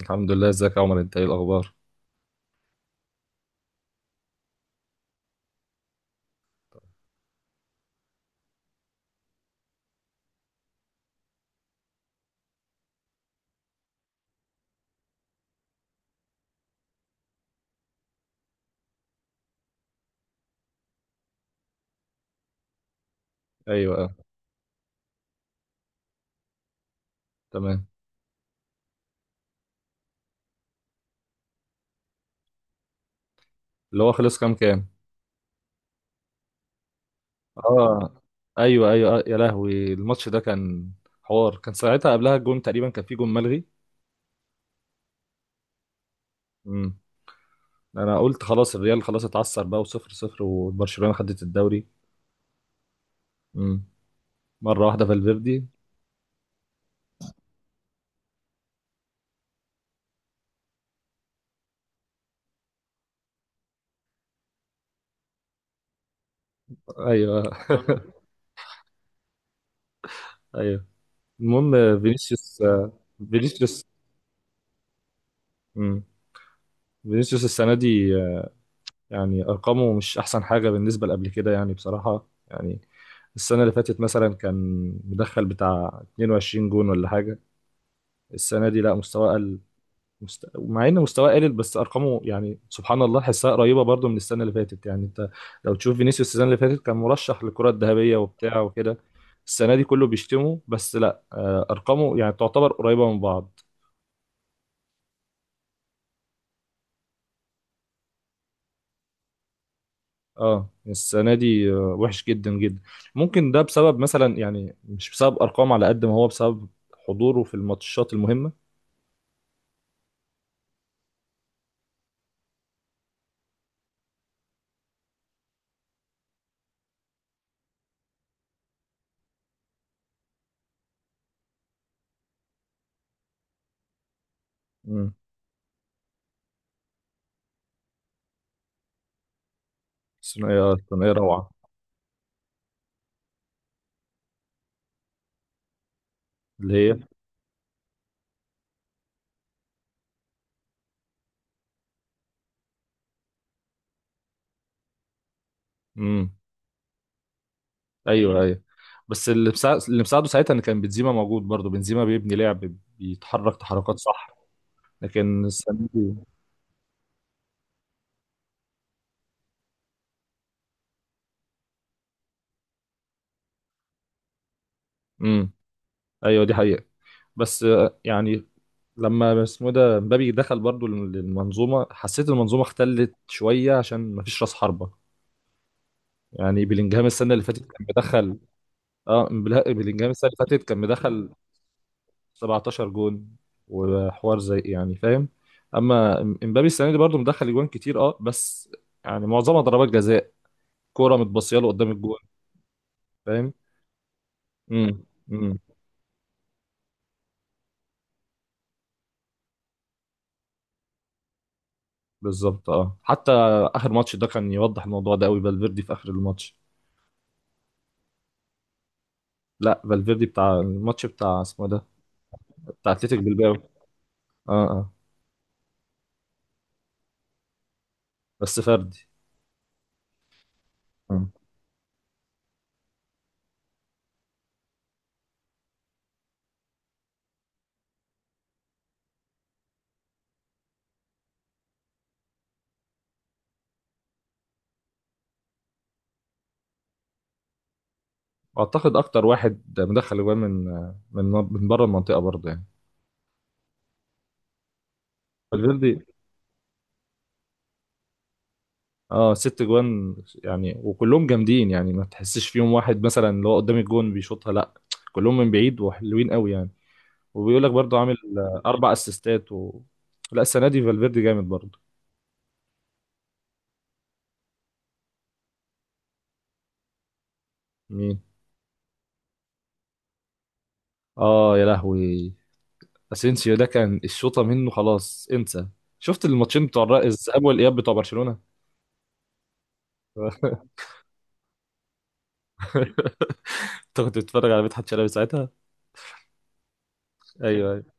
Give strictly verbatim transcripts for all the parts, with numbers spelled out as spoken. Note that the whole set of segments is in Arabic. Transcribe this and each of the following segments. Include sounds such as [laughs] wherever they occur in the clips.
الحمد لله، ازيك يا عمر؟ انت ايه الاخبار؟ ايوه، اه. تمام. اللي هو خلص كام كام؟ اه. ايوه ايوه، اه يا لهوي، الماتش ده كان حوار. كان ساعتها قبلها الجون، تقريبا كان في جون ملغي. امم انا قلت خلاص الريال خلاص اتعثر بقى، وصفر صفر وبرشلونة خدت الدوري. امم مره واحده فالفيردي. ايوه. [laughs] ايوه. المهم، فينيسيوس. فينيسيوس. امم فينيسيوس السنه دي، آه، يعني ارقامه مش احسن حاجه بالنسبه لقبل كده يعني، بصراحه يعني السنة اللي فاتت مثلا كان مدخل بتاع اتنين وعشرين جون ولا حاجة. السنة دي لا، مستواه قل. مست... مع ان مستواه قلل، بس ارقامه يعني سبحان الله حسها قريبة برضو من السنة اللي فاتت. يعني انت لو تشوف فينيسيوس السنة اللي فاتت، كان مرشح للكرة الذهبية وبتاع وكده. السنة دي كله بيشتمه، بس لا، آه، ارقامه يعني تعتبر قريبة من بعض. اه السنة دي آه، وحش جدا جدا. ممكن ده بسبب مثلا، يعني مش بسبب ارقام على قد ما هو بسبب حضوره في الماتشات المهمة. مم. الثنائية الثنائية روعة. اللي هي. امم ايوه ايوه. بس اللي مساعد، اللي مساعده ساعتها ان كان بنزيما موجود، برضه بنزيما بيبني لعب، بيتحرك تحركات صح. لكن السنه دي. امم ايوه، دي حقيقه. بس آه، يعني لما اسمه إيه ده مبابي دخل برضه لل- للمنظومه، حسيت المنظومه اختلت شويه عشان مفيش راس حربه. يعني بلينجهام السنه اللي فاتت كان مدخل. اه، بل- بلينجهام السنه اللي فاتت كان مدخل سبعتاشر جون وحوار زي، يعني فاهم. اما امبابي السنه دي برضه مدخل اجوان كتير، اه بس يعني معظمها ضربات جزاء، كوره متبصيه له قدام الجون. فاهم. امم. امم بالظبط، اه. حتى اخر ماتش ده كان يوضح الموضوع ده قوي، فالفيردي في اخر الماتش. لا، فالفيردي بتاع الماتش بتاع اسمه إيه ده، بتاع اتلتيك بالباو. اه اه. بس فردي. آه. واعتقد اكتر واحد مدخل اجوان من، من من بره المنطقه برضه يعني، فالفيردي. اه، ست جوان، يعني وكلهم جامدين، يعني ما تحسش فيهم واحد مثلا اللي هو قدام الجون بيشوطها، لا كلهم من بعيد وحلوين قوي يعني. وبيقول لك برضه عامل آه، اربع اسيستات و... لا السنه دي فالفيردي جامد برضه. مين؟ اه يا لهوي، اسينسيو ده كان الشوطه منه خلاص انسى. شفت الماتشين بتوع الر- الذهاب والاياب بتوع برشلونه؟ [laughs] انت كنت بتتفرج على مدحت شلبي ساعتها؟ ايوه ايوه.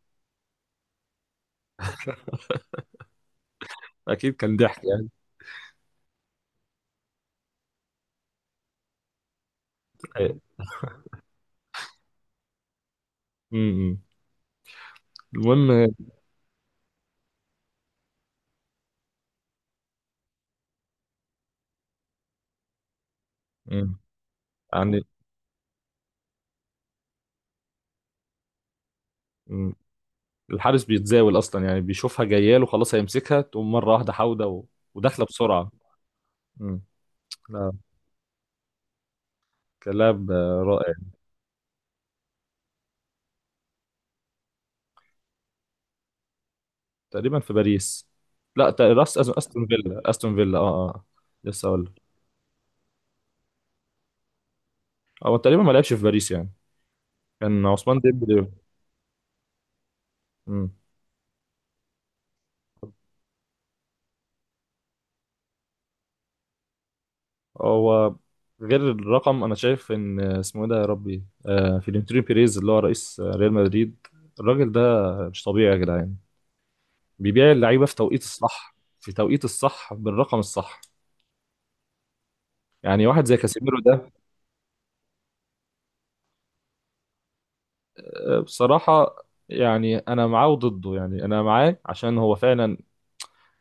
اكيد كان ضحك يعني. أيوة. م- م. المهم. م. يعني. م. الحارس بيتزاول اصلا يعني، بيشوفها جايه له خلاص هيمسكها، تقوم مره واحده حاوده و... وداخله بسرعه. امم. لا، كلاعب آه، رائع. تقريبا في باريس. لا، تق- راس أز- استون فيلا، استون فيلا، اه اه. لسه اقول لك. هو تقريبا ما لعبش في باريس يعني، كان عثمان ديمبلي. امم هو غير الرقم، انا شايف ان اسمه ايه ده، يا ربي، آه فلورنتينو بيريز اللي هو رئيس آه، ريال مدريد، الراجل ده مش طبيعي يا جدعان. بيبيع اللعيبه في توقيت الصح، في توقيت الصح، بالرقم الصح. يعني واحد زي كاسيميرو ده. آه، بصراحة يعني أنا معاه وضده. يعني أنا معاه عشان هو فعلا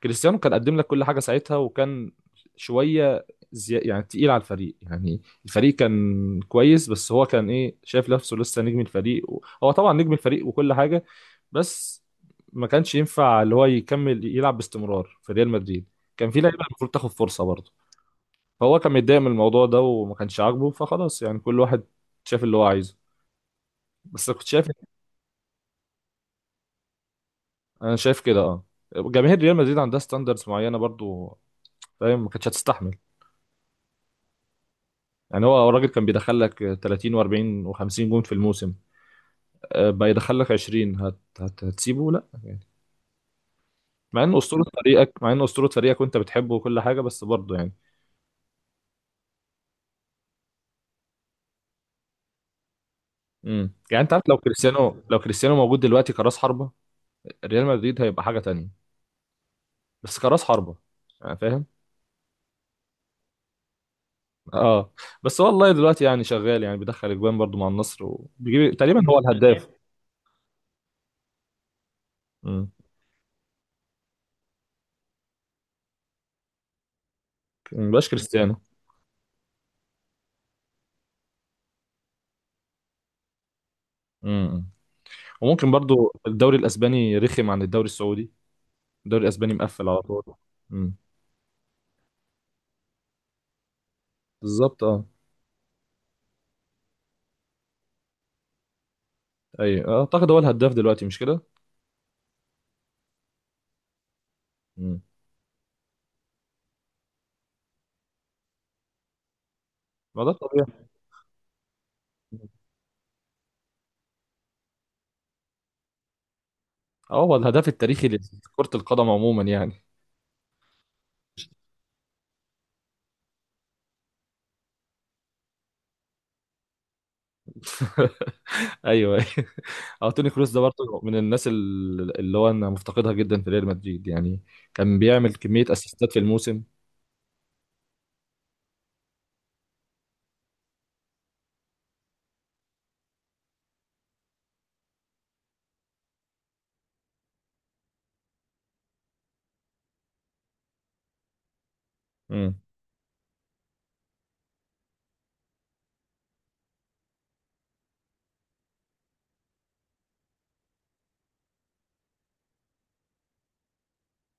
كريستيانو كان قدم لك كل حاجة ساعتها، وكان شوية زي يعني تقيل على الفريق، يعني الفريق كان كويس بس هو كان إيه شايف نفسه لسه نجم الفريق، و- هو طبعا نجم الفريق وكل حاجة، بس ما كانش ينفع اللي هو يكمل يلعب باستمرار في ريال مدريد، كان في لعيبة المفروض تاخد فرصة برضه. فهو كان متضايق من الموضوع ده وما كانش عاجبه، فخلاص يعني كل واحد شاف اللي هو عايزه. بس كنت شايف. انا شايف كده اه، جماهير ريال مدريد عندها ستاندردز معينه برضو، فاهم. ما كانتش هتستحمل. يعني هو الراجل كان بيدخل لك تلاتين و40 و50 جون في الموسم، آه، بقى يدخل لك عشرين، هت... هت... هتسيبه؟ لا. مع ان اسطوره فريقك، مع ان اسطوره فريقك وانت بتحبه وكل حاجه، بس برضه يعني. امم. يعني انت عارف، لو كريستيانو، لو كريستيانو موجود دلوقتي كراس حربه، ريال مدريد هيبقى حاجه تانية. بس كراس حربه يعني، فاهم. اه. بس والله دلوقتي يعني شغال، يعني بيدخل اجوان برضه مع النصر، وبيجيب تقريبا هو الهداف. امم. مبقاش كريستيانو. مم. وممكن برضو الدوري الاسباني رخم عن الدوري السعودي. الدوري الاسباني مقفل على طول. امم بالظبط، اه. اي اعتقد هو الهداف دلوقتي، مش كده؟ امم. ما ده الطبيعي. اه، هو الهداف التاريخي لكرة القدم عموما يعني. [laughs] ايوه ايوه، اه. توني كروس ده برضه من الناس ال- اللي هو انا مفتقدها جدا في ريال مدريد يعني. كان بيعمل كمية اسيستات في الموسم. امم.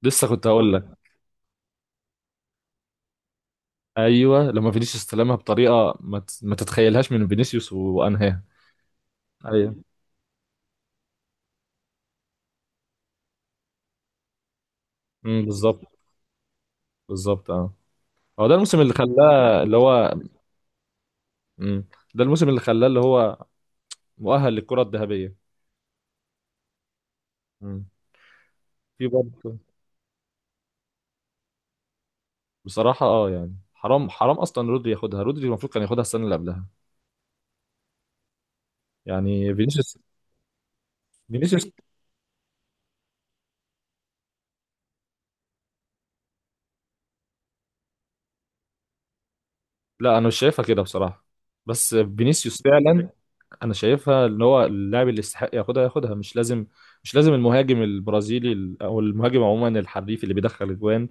لسه كنت هقول لك. ايوه، لما فينيسيوس استلمها بطريقة ما ت- ما تتخيلها، تتخيلهاش من فينيسيوس وانهاها. ايوه. امم بالظبط، بالظبط اه. هو ده الموسم اللي خلاه اللي هو. مم. ده الموسم اللي خلاه اللي هو مؤهل للكرة الذهبية. مم. في برضه. بصراحة اه، يعني حرام، حرام اصلا رودري ياخدها، رودري المفروض كان ياخدها السنة اللي قبلها، يعني فينيسيوس. فينيسيوس. لا انا مش شايفها كده بصراحة. بس فينيسيوس فعلا. انا شايفها ان هو اللاعب اللي يستحق ياخدها، ياخدها مش لازم، مش لازم المهاجم البرازيلي ال- او المهاجم عموما، الحريف اللي بيدخل اجوان،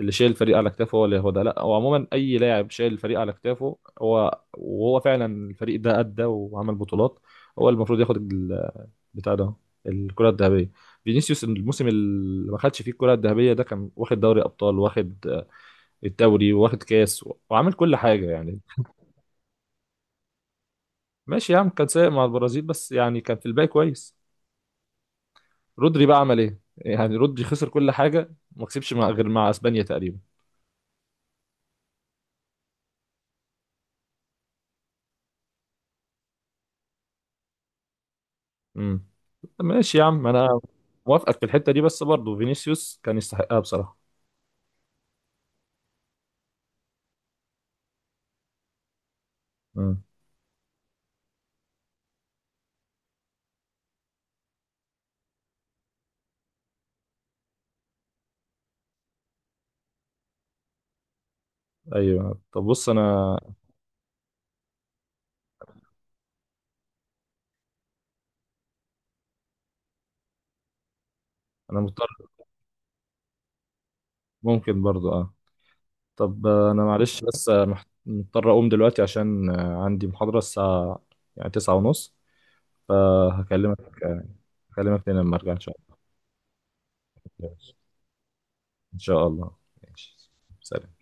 اللي شايل الفريق على كتافه هو اللي هو ده. لا، هو عموما اي لاعب شايل الفريق على كتافه هو، وهو فعلا الفريق ده ادى وعمل بطولات، هو المفروض ياخد ال- بتاع ده، الكرة الذهبية. فينيسيوس الموسم اللي ما خدش فيه الكرة الذهبية ده، كان واخد دوري ابطال، واخد آه، الدوري، واخد كاس، و- وعامل كل حاجة يعني. ماشي يا عم، كان سايق مع البرازيل بس يعني كان في الباقي كويس. رودري بقى عمل ايه؟ يعني رودري خسر كل حاجة، ما كسبش مع، غير مع اسبانيا تقريبا. امم. ماشي يا عم، انا موافقك في الحته دي بس برضه فينيسيوس كان يستحقها بصراحه. امم. ايوه طب بص، انا. انا مضطر. ممكن برضه اه. طب آه، انا معلش، بس آه، محت- مضطر اقوم دلوقتي عشان آه، عندي محاضره الساعه يعني تسعة ونص. فهكلمك آه، هكلمك تاني لما ارجع ان شاء الله. ان شاء الله. ماشي. سلام.